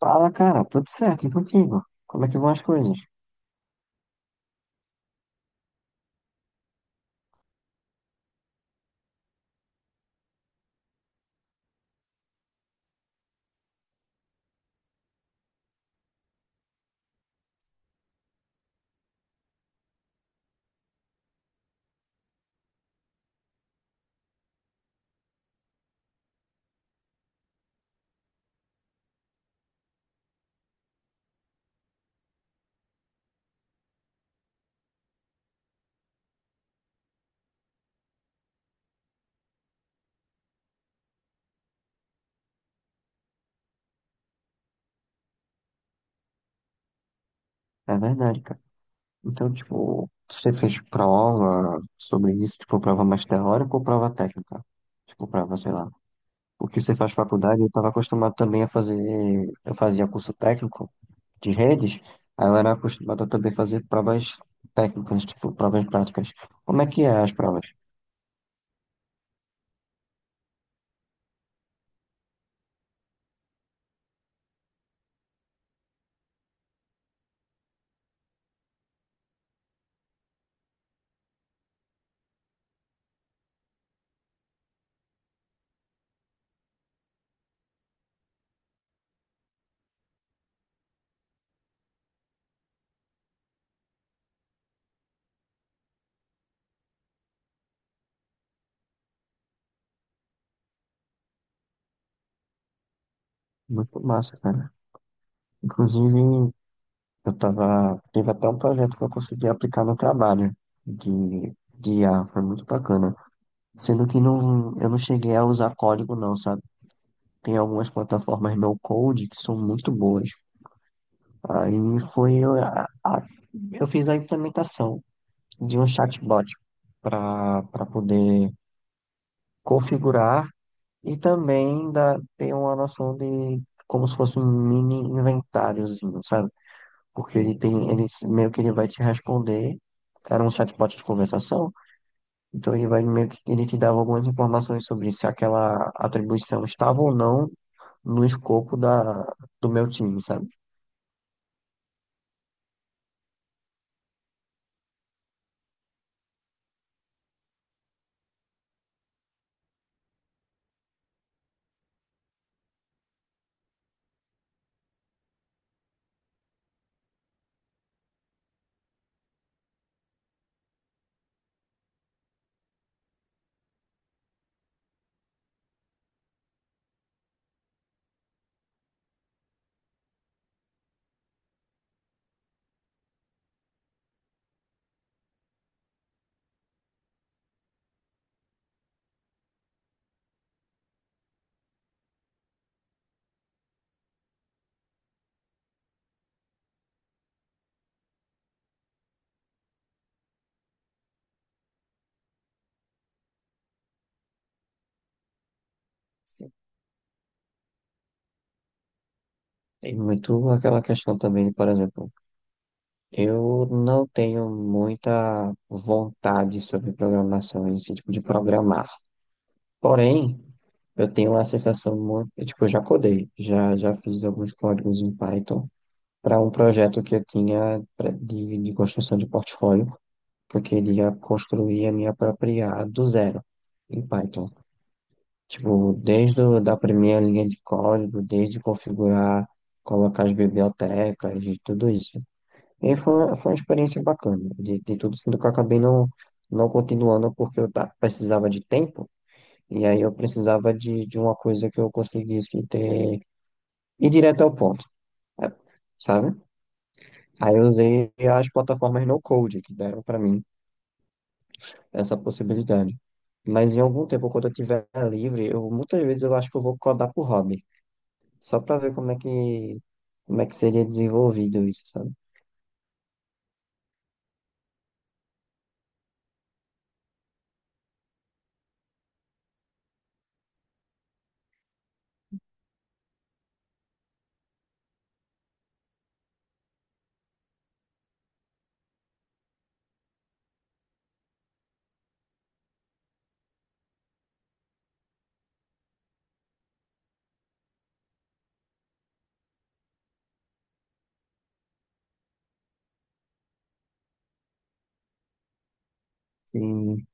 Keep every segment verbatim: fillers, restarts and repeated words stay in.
Fala, cara, tudo certo e contigo? Como é que vão as coisas? É verdade, cara. Então, tipo, você fez prova sobre isso, tipo, prova mais teórica ou prova técnica? Tipo, prova, sei lá. Porque você faz faculdade, eu estava acostumado também a fazer, eu fazia curso técnico de redes, aí eu era acostumado a também fazer provas técnicas, tipo, provas práticas. Como é que é as provas? Muito massa, cara. Inclusive, Eu tava, teve até um projeto que eu consegui aplicar no trabalho de, de I a foi muito bacana. Sendo que não, eu não cheguei a usar código não, sabe? Tem algumas plataformas no code que são muito boas. Aí foi, eu, a- a- Eu fiz a implementação de um chatbot para para poder configurar e também dar, ter uma noção de como se fosse um mini inventáriozinho, sabe? Porque ele tem, ele meio que ele vai te responder. Era um chatbot de conversação, então ele vai meio que ele te dava algumas informações sobre se aquela atribuição estava ou não no escopo da, do meu time, sabe? Sim. Tem muito aquela questão também, por exemplo, eu não tenho muita vontade sobre programação, esse tipo de programar. Porém, eu tenho uma sensação muito, tipo, eu já codei, já já fiz alguns códigos em Python para um projeto que eu tinha pra- de, de construção de portfólio, que eu queria construir a minha própria i a do zero em Python. Tipo, desde o- da primeira linha de código, desde configurar, colocar as bibliotecas, e tudo isso. E foi, foi uma experiência bacana, de, de tudo, sendo que eu acabei não, não continuando porque eu ta- precisava de tempo, e aí eu precisava de, de uma coisa que eu conseguisse ter, ir direto ao ponto, eh, sabe? Aí eu usei as plataformas no Code que deram pra mim essa possibilidade. Mas em algum tempo, quando eu tiver livre, eu muitas vezes eu acho que eu vou codar por hobby, só pra ver como é que como é que seria desenvolvido isso, sabe? Sim,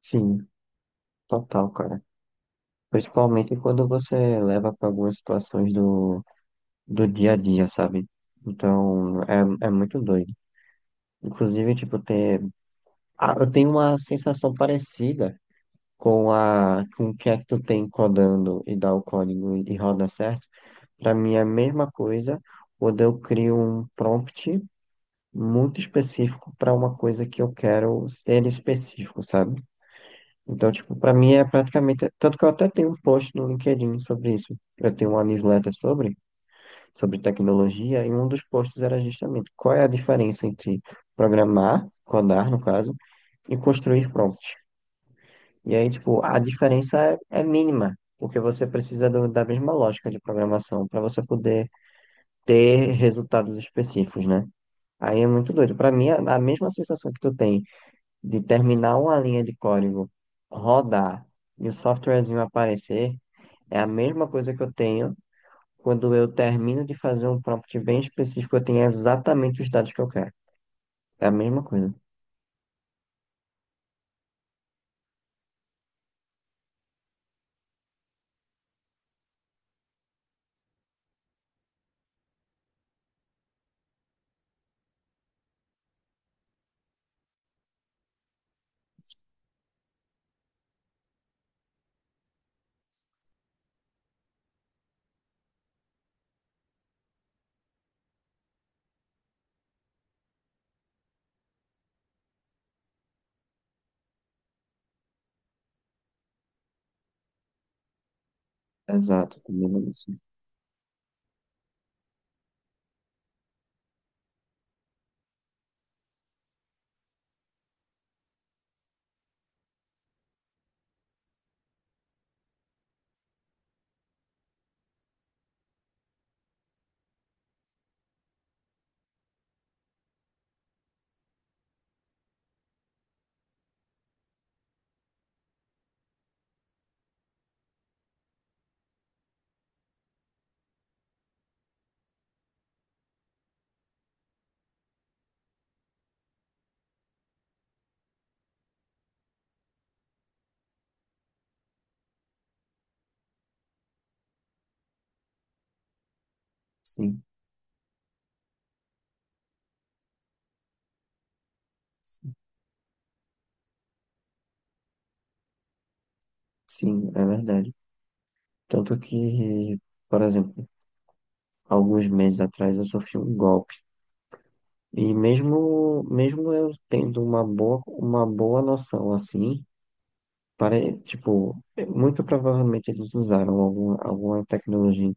sim, total, cara. Principalmente quando você leva pra algumas situações do, do dia a dia, sabe? Então, é, é muito doido. Inclusive, tipo, ter... Ah, eu tenho uma sensação parecida com a com o que é que tu tem codando e dá o código e roda certo, para mim é a mesma coisa quando eu crio um prompt muito específico para uma coisa que eu quero ser específico, sabe? Então, tipo, para mim é praticamente, tanto que eu até tenho um post no LinkedIn sobre isso. Eu tenho uma newsletter sobre sobre tecnologia e um dos posts era justamente qual é a diferença entre programar, codar no caso, e construir prompt. E aí, tipo, a diferença é, é mínima, porque você precisa do- da mesma lógica de programação para você poder ter resultados específicos, né? Aí é muito doido. Para mim, a, a mesma sensação que tu tem de terminar uma linha de código, rodar e o softwarezinho aparecer, é a mesma coisa que eu tenho quando eu termino de fazer um prompt bem específico, eu tenho exatamente os dados que eu quero. É a mesma coisa. Exato, combina isso. Sim, sim, sim, é verdade. Tanto que, por exemplo, alguns meses atrás eu sofri um golpe. E mesmo, mesmo eu tendo uma boa, uma boa noção assim, pare, tipo, muito provavelmente eles usaram alguma, alguma tecnologia,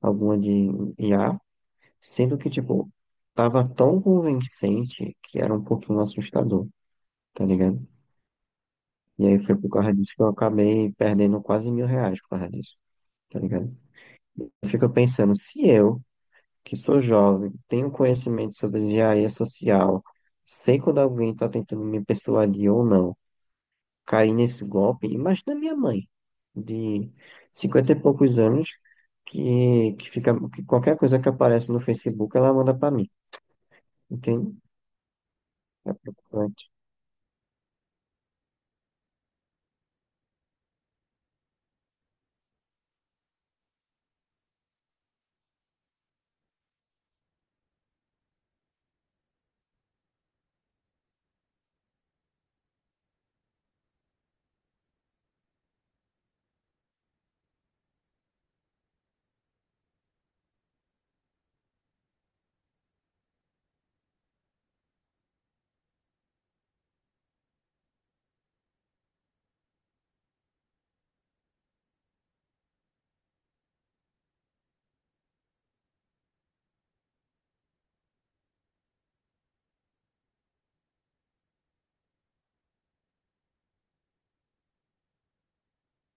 alguma de i a, sendo que, tipo, tava tão convincente que era um pouquinho assustador, tá ligado? E aí foi por causa disso que eu acabei perdendo quase mil reais por causa disso, tá ligado? Eu fico pensando, se eu que sou jovem, tenho conhecimento sobre engenharia social, sei quando alguém está tentando me persuadir ou não, caí nesse golpe. Imagina minha mãe, de cinquenta e poucos anos, que, que, fica, que qualquer coisa que aparece no Facebook ela manda para mim, entende? É preocupante,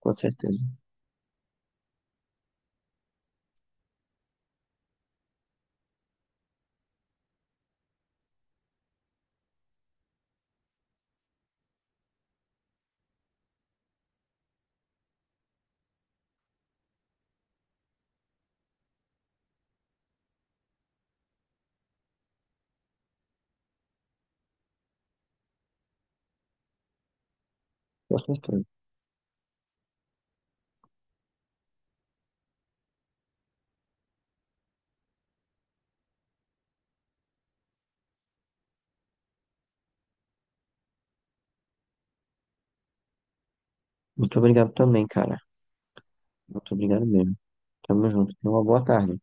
com certeza, com certeza. Muito obrigado também, cara. Muito obrigado mesmo. Tamo junto. Tenha uma boa tarde.